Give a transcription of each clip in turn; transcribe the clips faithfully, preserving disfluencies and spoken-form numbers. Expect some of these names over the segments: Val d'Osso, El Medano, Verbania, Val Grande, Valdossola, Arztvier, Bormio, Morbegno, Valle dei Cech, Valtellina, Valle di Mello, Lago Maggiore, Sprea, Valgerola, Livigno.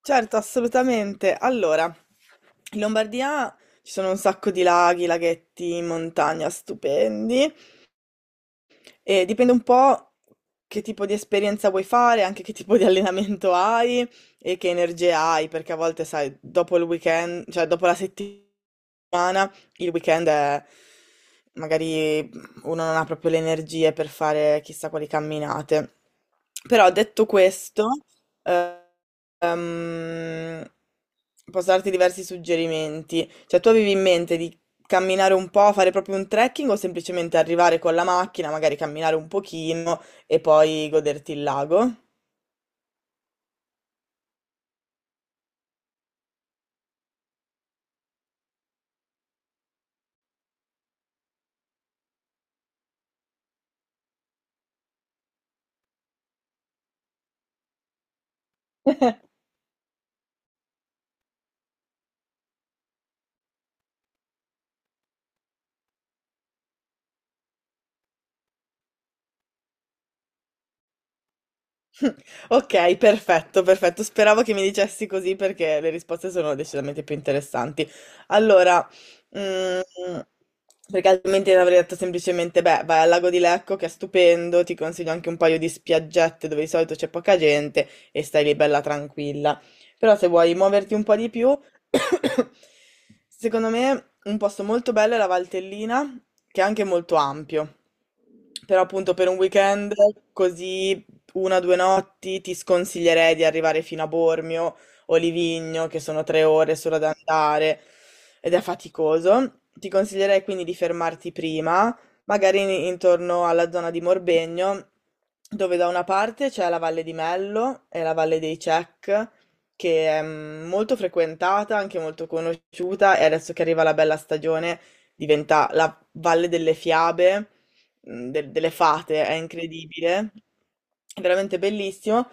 Certo, assolutamente. Allora, in Lombardia ci sono un sacco di laghi, laghetti, in montagna stupendi. Eh, dipende un po' che tipo di esperienza vuoi fare, anche che tipo di allenamento hai e che energie hai, perché a volte, sai, dopo il weekend, cioè dopo la settimana, il weekend è, magari uno non ha proprio le energie per fare chissà quali camminate. Però detto questo, eh, ehm, posso darti diversi suggerimenti. Cioè, tu avevi in mente di camminare un po', fare proprio un trekking o semplicemente arrivare con la macchina, magari camminare un pochino e poi goderti il lago? Ok, perfetto, perfetto. Speravo che mi dicessi così perché le risposte sono decisamente più interessanti. Allora, mm, perché altrimenti avrei detto semplicemente, beh, vai al lago di Lecco che è stupendo, ti consiglio anche un paio di spiaggette dove di solito c'è poca gente e stai lì bella tranquilla. Però se vuoi muoverti un po' di più, secondo me un posto molto bello è la Valtellina, che è anche molto ampio. Però appunto per un weekend così una o due notti ti sconsiglierei di arrivare fino a Bormio o Livigno, che sono tre ore solo ad andare ed è faticoso. Ti consiglierei quindi di fermarti prima, magari in- intorno alla zona di Morbegno, dove da una parte c'è la Valle di Mello e la Valle dei Cech, che è mm, molto frequentata, anche molto conosciuta, e adesso che arriva la bella stagione diventa la Valle delle Fiabe mh, de- delle fate, è incredibile, è veramente bellissimo.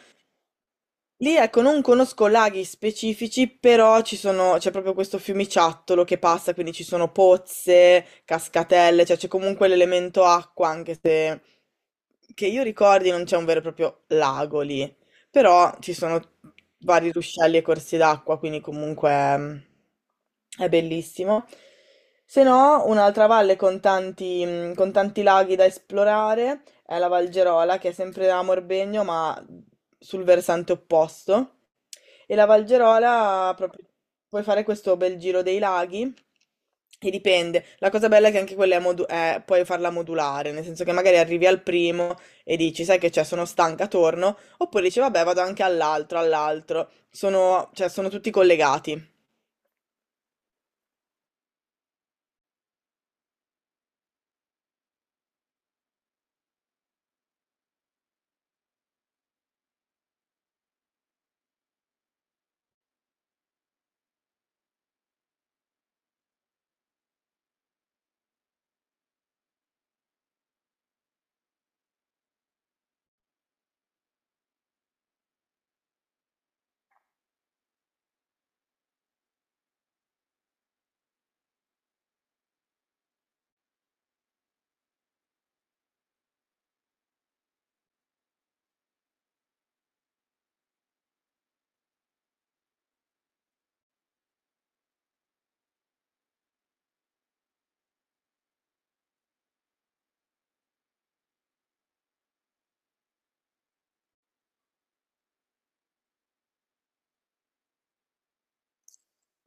Lì, ecco, non conosco laghi specifici, però ci sono, c'è proprio questo fiumiciattolo che passa, quindi ci sono pozze, cascatelle, cioè c'è comunque l'elemento acqua, anche se che io ricordi non c'è un vero e proprio lago lì, però ci sono vari ruscelli e corsi d'acqua, quindi comunque mm, è bellissimo. Se no, un'altra valle con tanti, mm, con tanti laghi da esplorare è la Valgerola, che è sempre a Morbegno, ma sul versante opposto. E la Valgerola, proprio, puoi fare questo bel giro dei laghi. E dipende. La cosa bella è che anche quella è, modu- è- puoi farla modulare, nel senso che magari arrivi al primo e dici, sai che c'è, sono stanca, torno, oppure dici, vabbè, vado anche all'altro, all'altro. Sono, cioè, sono tutti collegati.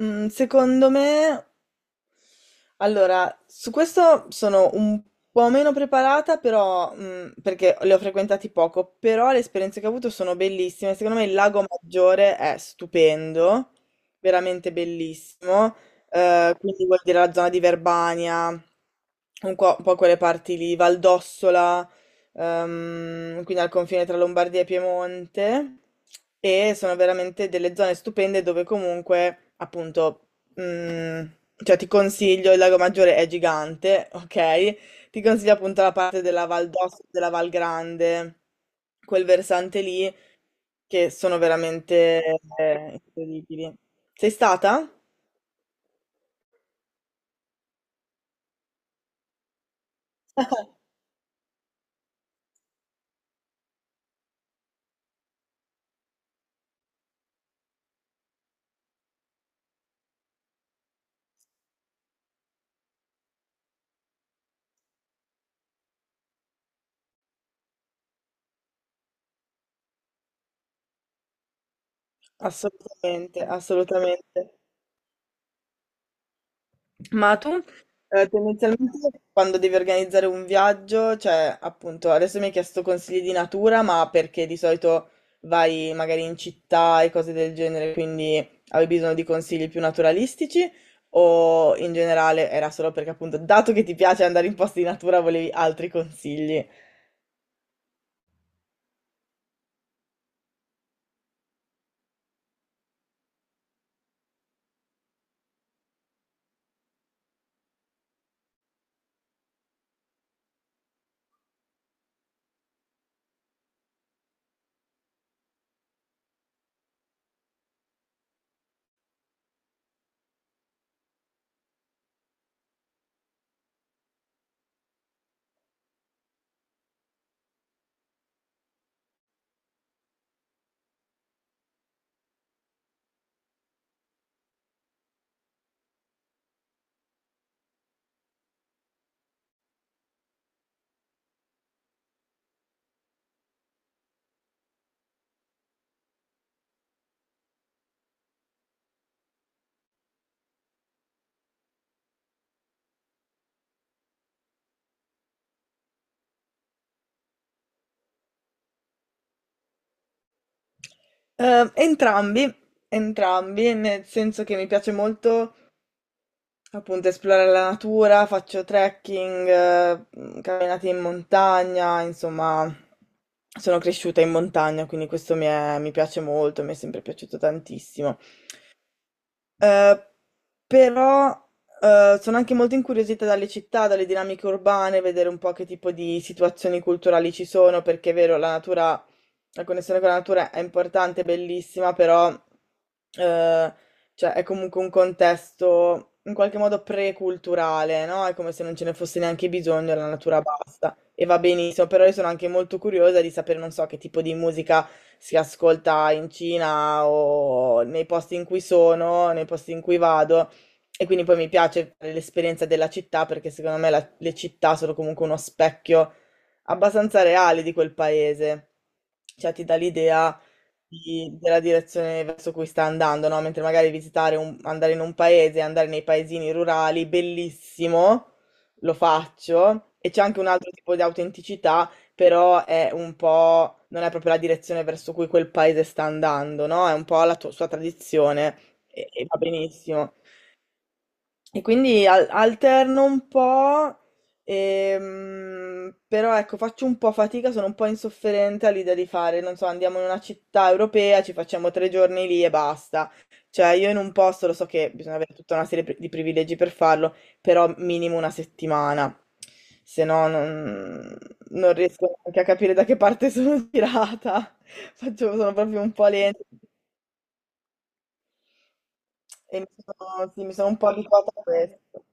Mm, secondo me Allora, su questo sono un po' meno preparata, però, mh, perché le ho frequentati poco, però le esperienze che ho avuto sono bellissime. Secondo me il Lago Maggiore è stupendo, veramente bellissimo. Eh, quindi vuol dire la zona di Verbania, un po', un po' quelle parti lì, Valdossola, ehm, quindi al confine tra Lombardia e Piemonte. E sono veramente delle zone stupende dove comunque appunto Mm, cioè ti consiglio, il Lago Maggiore è gigante, ok? Ti consiglio appunto la parte della Val d'Osso, della Val Grande, quel versante lì, che sono veramente eh, incredibili. Sei stata? Assolutamente, assolutamente. Ma tu? Eh, tendenzialmente quando devi organizzare un viaggio, cioè appunto adesso mi hai chiesto consigli di natura, ma perché di solito vai magari in città e cose del genere, quindi avevi bisogno di consigli più naturalistici o in generale era solo perché appunto dato che ti piace andare in posti di natura volevi altri consigli? Eh, entrambi, entrambi, nel senso che mi piace molto. Appunto, esplorare la natura, faccio trekking, eh, camminate in montagna, insomma, sono cresciuta in montagna, quindi questo mi, è- mi piace molto, mi è sempre piaciuto tantissimo. Eh, però eh, sono anche molto incuriosita dalle città, dalle dinamiche urbane, vedere un po' che tipo di situazioni culturali ci sono, perché è vero, la natura, la connessione con la natura è importante, è bellissima, però eh, cioè, è comunque un contesto in qualche modo preculturale, no? È come se non ce ne fosse neanche bisogno, la natura basta e va benissimo, però io sono anche molto curiosa di sapere, non so, che tipo di musica si ascolta in Cina o nei posti in cui sono, nei posti in cui vado. E quindi poi mi piace fare l'esperienza della città perché secondo me la- le città sono comunque uno specchio abbastanza reale di quel paese. Cioè ti dà l'idea di- della direzione verso cui sta andando, no? Mentre magari visitare un, andare in un paese, andare nei paesini rurali, bellissimo, lo faccio. E c'è anche un altro tipo di autenticità, però è un po', non è proprio la direzione verso cui quel paese sta andando, no? È un po' la tua- sua tradizione e, e va benissimo. E quindi al- alterno un po', ehm, però ecco, faccio un po' fatica, sono un po' insofferente all'idea di fare, non so, andiamo in una città europea, ci facciamo tre giorni lì e basta. Cioè, io in un posto lo so che bisogna avere tutta una serie pri- di privilegi per farlo, però minimo una settimana, se no non, non riesco neanche a capire da che parte sono tirata. Faccio, sono proprio un po' lenta e mi sono, sì, mi sono un po' abituata a questo.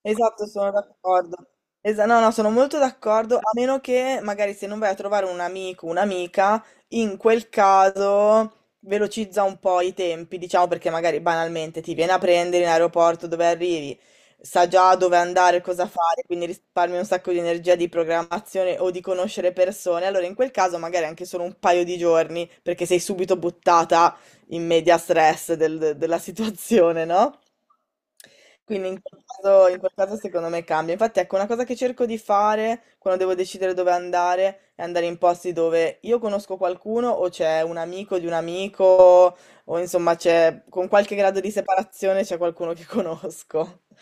Esatto, sono d'accordo. Esa- no, no, sono molto d'accordo, a meno che magari se non vai a trovare un amico, un'amica, in quel caso velocizza un po' i tempi, diciamo, perché magari banalmente ti viene a prendere in aeroporto dove arrivi, sa già dove andare, cosa fare, quindi risparmi un sacco di energia di programmazione o di conoscere persone. Allora, in quel caso magari anche solo un paio di giorni, perché sei subito buttata in media stress del- de- della situazione, no? Quindi in quel caso, in quel caso secondo me cambia. Infatti, ecco, una cosa che cerco di fare quando devo decidere dove andare è andare in posti dove io conosco qualcuno o c'è un amico di un amico o insomma c'è con qualche grado di separazione c'è qualcuno che conosco.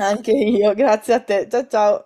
Anche io, grazie a te. Ciao ciao.